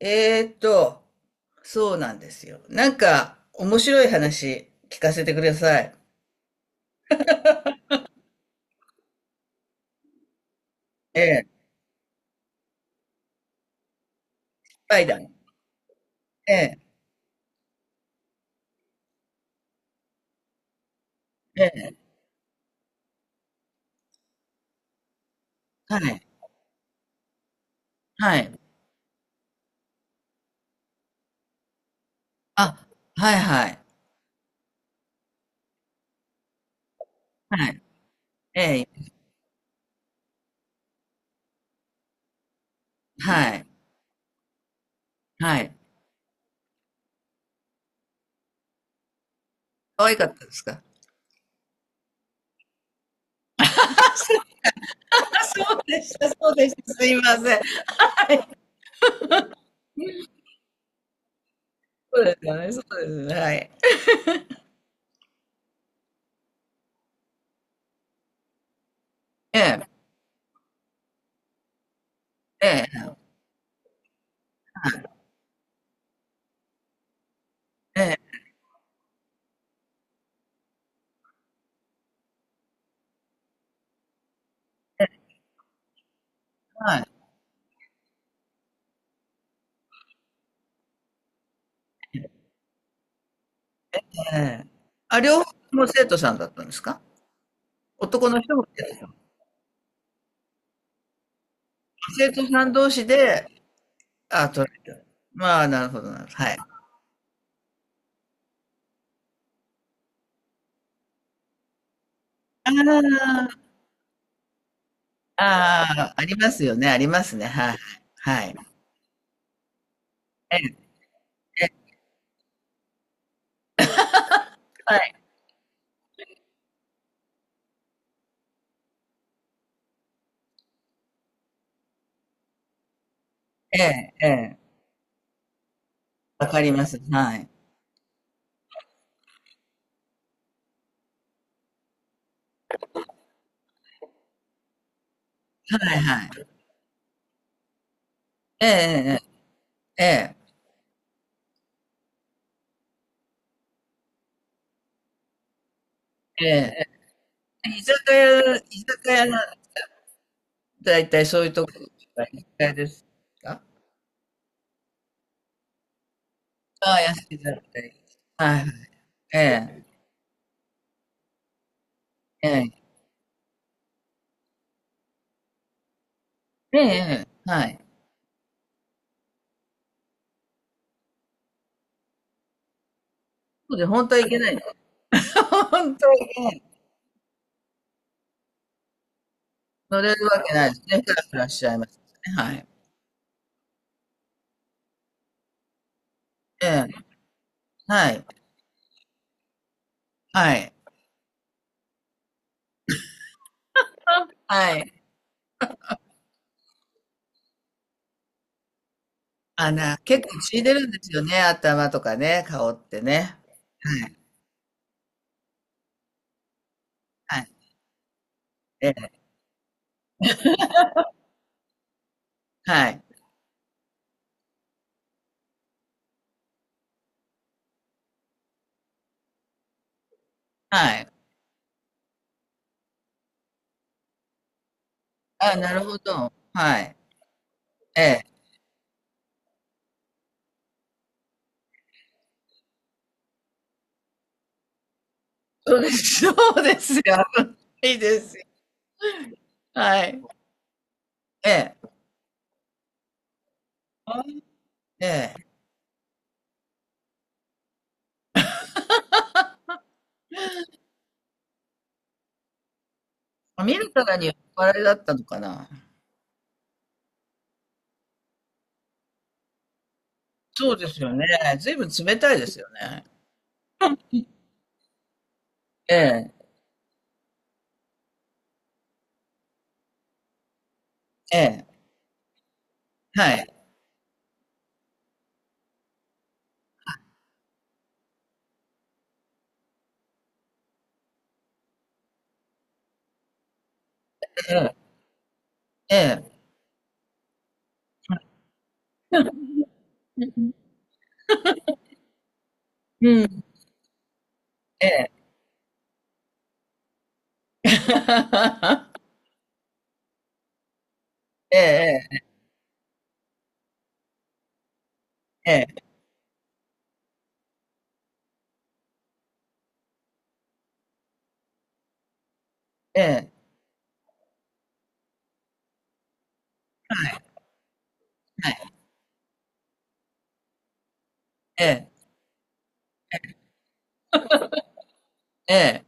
えーっと、そうなんですよ。なんか、面白い話聞かせてください。ええ、スパイダー。ええ、ええ、はい、はい。あ、はい、はい、はい、ええ、はい、はい。可愛かったですか？ そうでした、そうでした。すいません。はい、そうですよね、そうですね。はい。ええ、ええ、ええ、ええ、はい、ええ。あ、両方とも生徒さんだったんですか？男の人も生徒さん。生徒さん同士で、あ、取られた。まあ、なるほどなるほど。はい。ああ、ああ、ありますよね、ありますね。はいはい。ええ、ええ、はい。ええ、ええ。わかります。はい。はいはい。ええええええ。ええ。ええ、居酒屋、居酒屋の、だいたいそういうとこが居酒屋ですか？ああ、安いだなって。はいはい。ええ、ええ。ええええ、はい。そうで、本当はいけない。本当はいけない。乗れるわけないですね。ふらふらしちゃいますね。はい。ええ。はい。はい。はい。あの、結構血出るんですよね、頭とかね、顔ってね。はい。はい。ええ。はい。はい。あ、なるほど。はい。ええ。そうです。そうですよ。危ないですよ。はい。ええ。ええ。見るからに酔っ払いだったのかな？そうですよね。ずいぶん冷たいですよね。ええ。ええ。はい。ええ。ええ。うん。ええ。ええええええ。ええ。はい。ええ、ええ、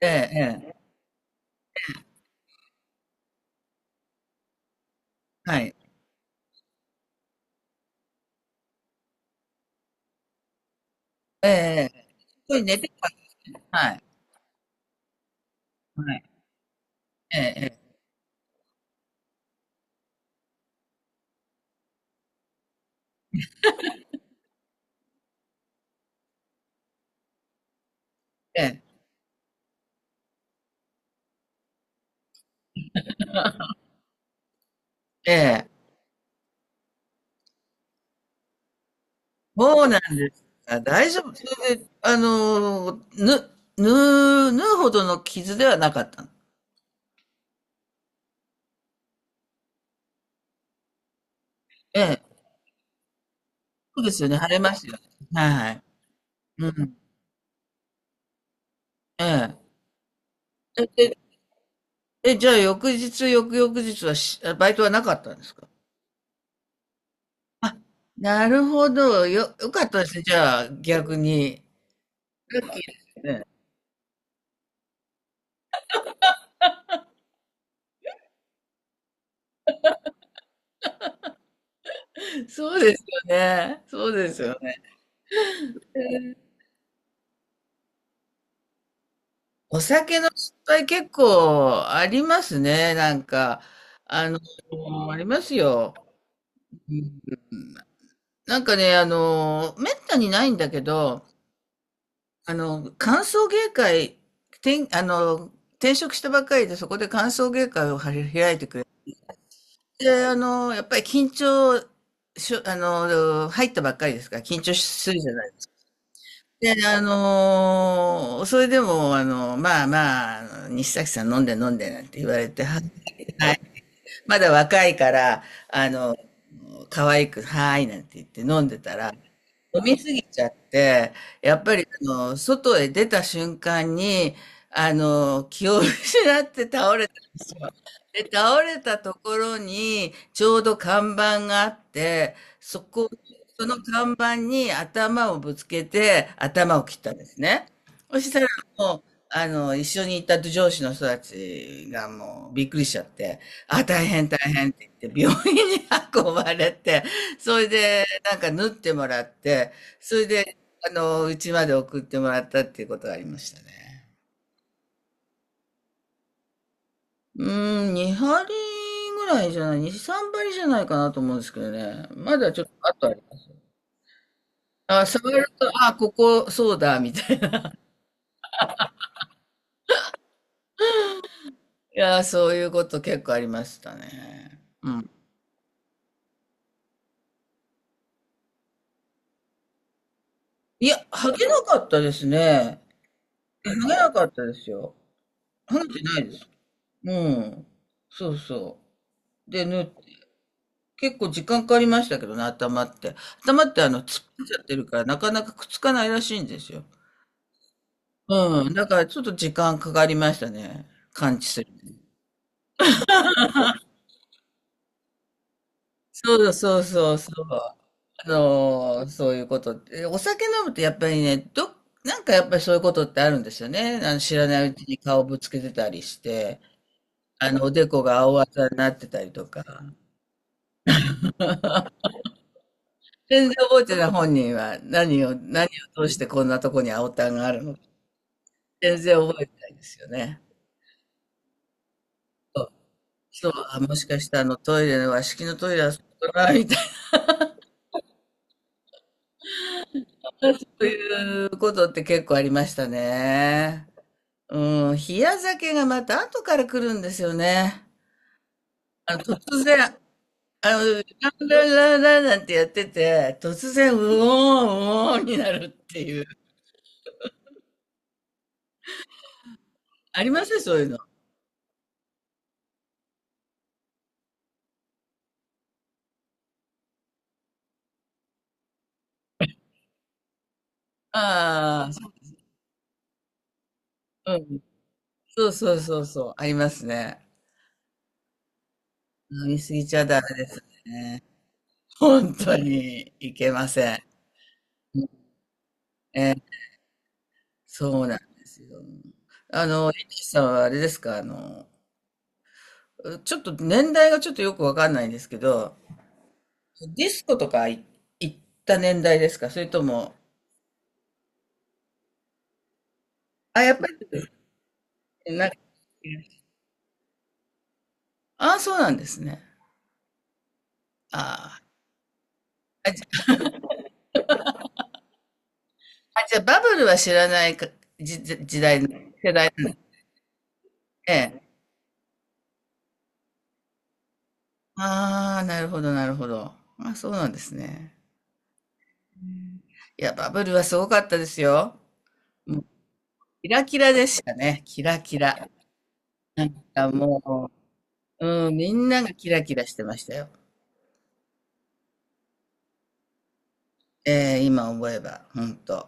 ええええ、はい。ええええ。寝てから、はい、はい。ええええ、ええ、ええ。そうなんだ、大丈夫。それで、あの、ぬ縫う縫うほどの傷ではなかったの？ええ、そうですよね、腫れますよね。はいはい。うん。ええ。え、え、え、じゃあ翌日、翌々日はバイトはなかったんですか？あ、なるほど。良かったですね、じゃあ、逆に。ラッキーですね。そうですよね。そうですよね。お酒の失敗結構ありますね、なんか。あの、ありますよ。うん、なんかね、あの、めったにないんだけど、あの、歓送迎会、あの、転職したばっかりで、そこで歓送迎会を開いてくれて、で、あの、やっぱり緊張しょ、あの、入ったばっかりですから、緊張するじゃない。で、あのー、それでも、あの、まあまあ、あの、西崎さん飲んで飲んでなんて言われて、はい、はい、まだ若いから、あの、可愛く、はーいなんて言って飲んでたら、飲みすぎちゃって、やっぱり、あの、外へ出た瞬間に、あの、気を失って倒れで、倒れたところに、ちょうど看板があって、その看板に頭をぶつけて、頭を切ったんですね。そしたらもう、あの、一緒にいた上司の人たちがもうびっくりしちゃって、あ、大変大変って言って、病院に 運ばれて、それで、なんか縫ってもらって、それで、あの、うちまで送ってもらったっていうことがありましたね。うーん、2針ぐらいじゃない、2、3針じゃないかなと思うんですけどね。まだちょっとあとあります。あ、触ると、あ、ここ、そうだ、みたいな。いやー、そういうこと結構ありましたね。うん。いや、剥げなかったですね。いや剥げなかったですよ。剥げてないです。うん。そうそう。で、縫って、結構時間かかりましたけどね、頭って。頭ってあの、突っ張っちゃってるから、なかなかくっつかないらしいんですよ。うん。だからちょっと時間かかりましたね。完治する。そうそうそうそう。あのー、そういうことって。お酒飲むとやっぱりね、なんかやっぱりそういうことってあるんですよね。あの、知らないうちに顔ぶつけてたりして、あの、おでこが青あざになってたりとか。全然覚えてない、本人は何を通してこんなとこに青たんがあるのか全然覚えてないですよね。そう、そう、あ、もしかしたらあのトイレの和式のトイレはそこだな、そういうことって結構ありましたね。うん、冷や酒がまた後から来るんですよね。あの、突然、あの、ランランランランなんてやってて、突然、うおー、うおーになるっていう。ありますそういうの。ああ、うん。そうそうそうそう、ありますね。飲みすぎちゃダメですね。本当にいけません。うん、えそうなんですよ。あの、エッチさんはあれですか、あの、ちょっと年代がちょっとよくわかんないんですけど、ディスコとか行った年代ですか、それとも？あ、やっぱり、なんか、ああ、そうなんですね。ああ、あじゃあバブルは知らないか、時代、世代なんで、ああ、なるほど、なるほど。あ、そうなんですね。いや、バブルはすごかったですよ。もう、キラキラでしたね。キラキラ。なんかもう、うん、みんながキラキラしてましたよ。今思えば、ほんと。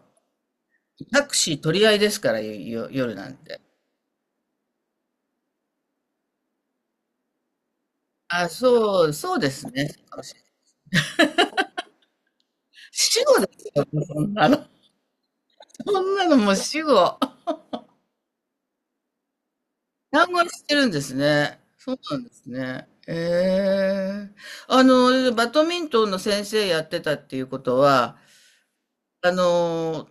タクシー取り合いですから、夜なんて。あ、そう、そうですね。そうかもしれない。死語ですよ、そんなの。そんなのもう死語。単語にしてるんですね。そうなんですね。ええ、あの、バドミントンの先生やってたっていうことは、あの、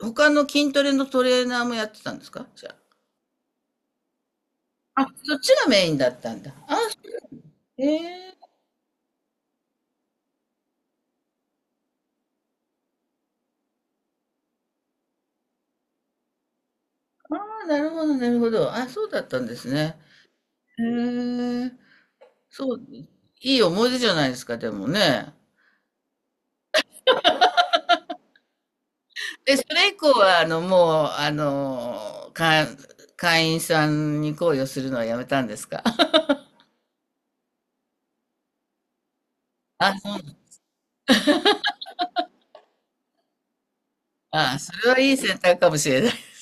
他の筋トレのトレーナーもやってたんですか、じゃあ？あ、そっちがメインだったんだ。あ、ええ、ああ、なるほど、なるほど。あ、そうだったんですね。へえ。そう、いい思い出じゃないですか、でもね。で、それ以降は、あの、もう、あの、会員さんに行為をするのはやめたんですか？ あ、そう。あ、それはいい選択かもしれない。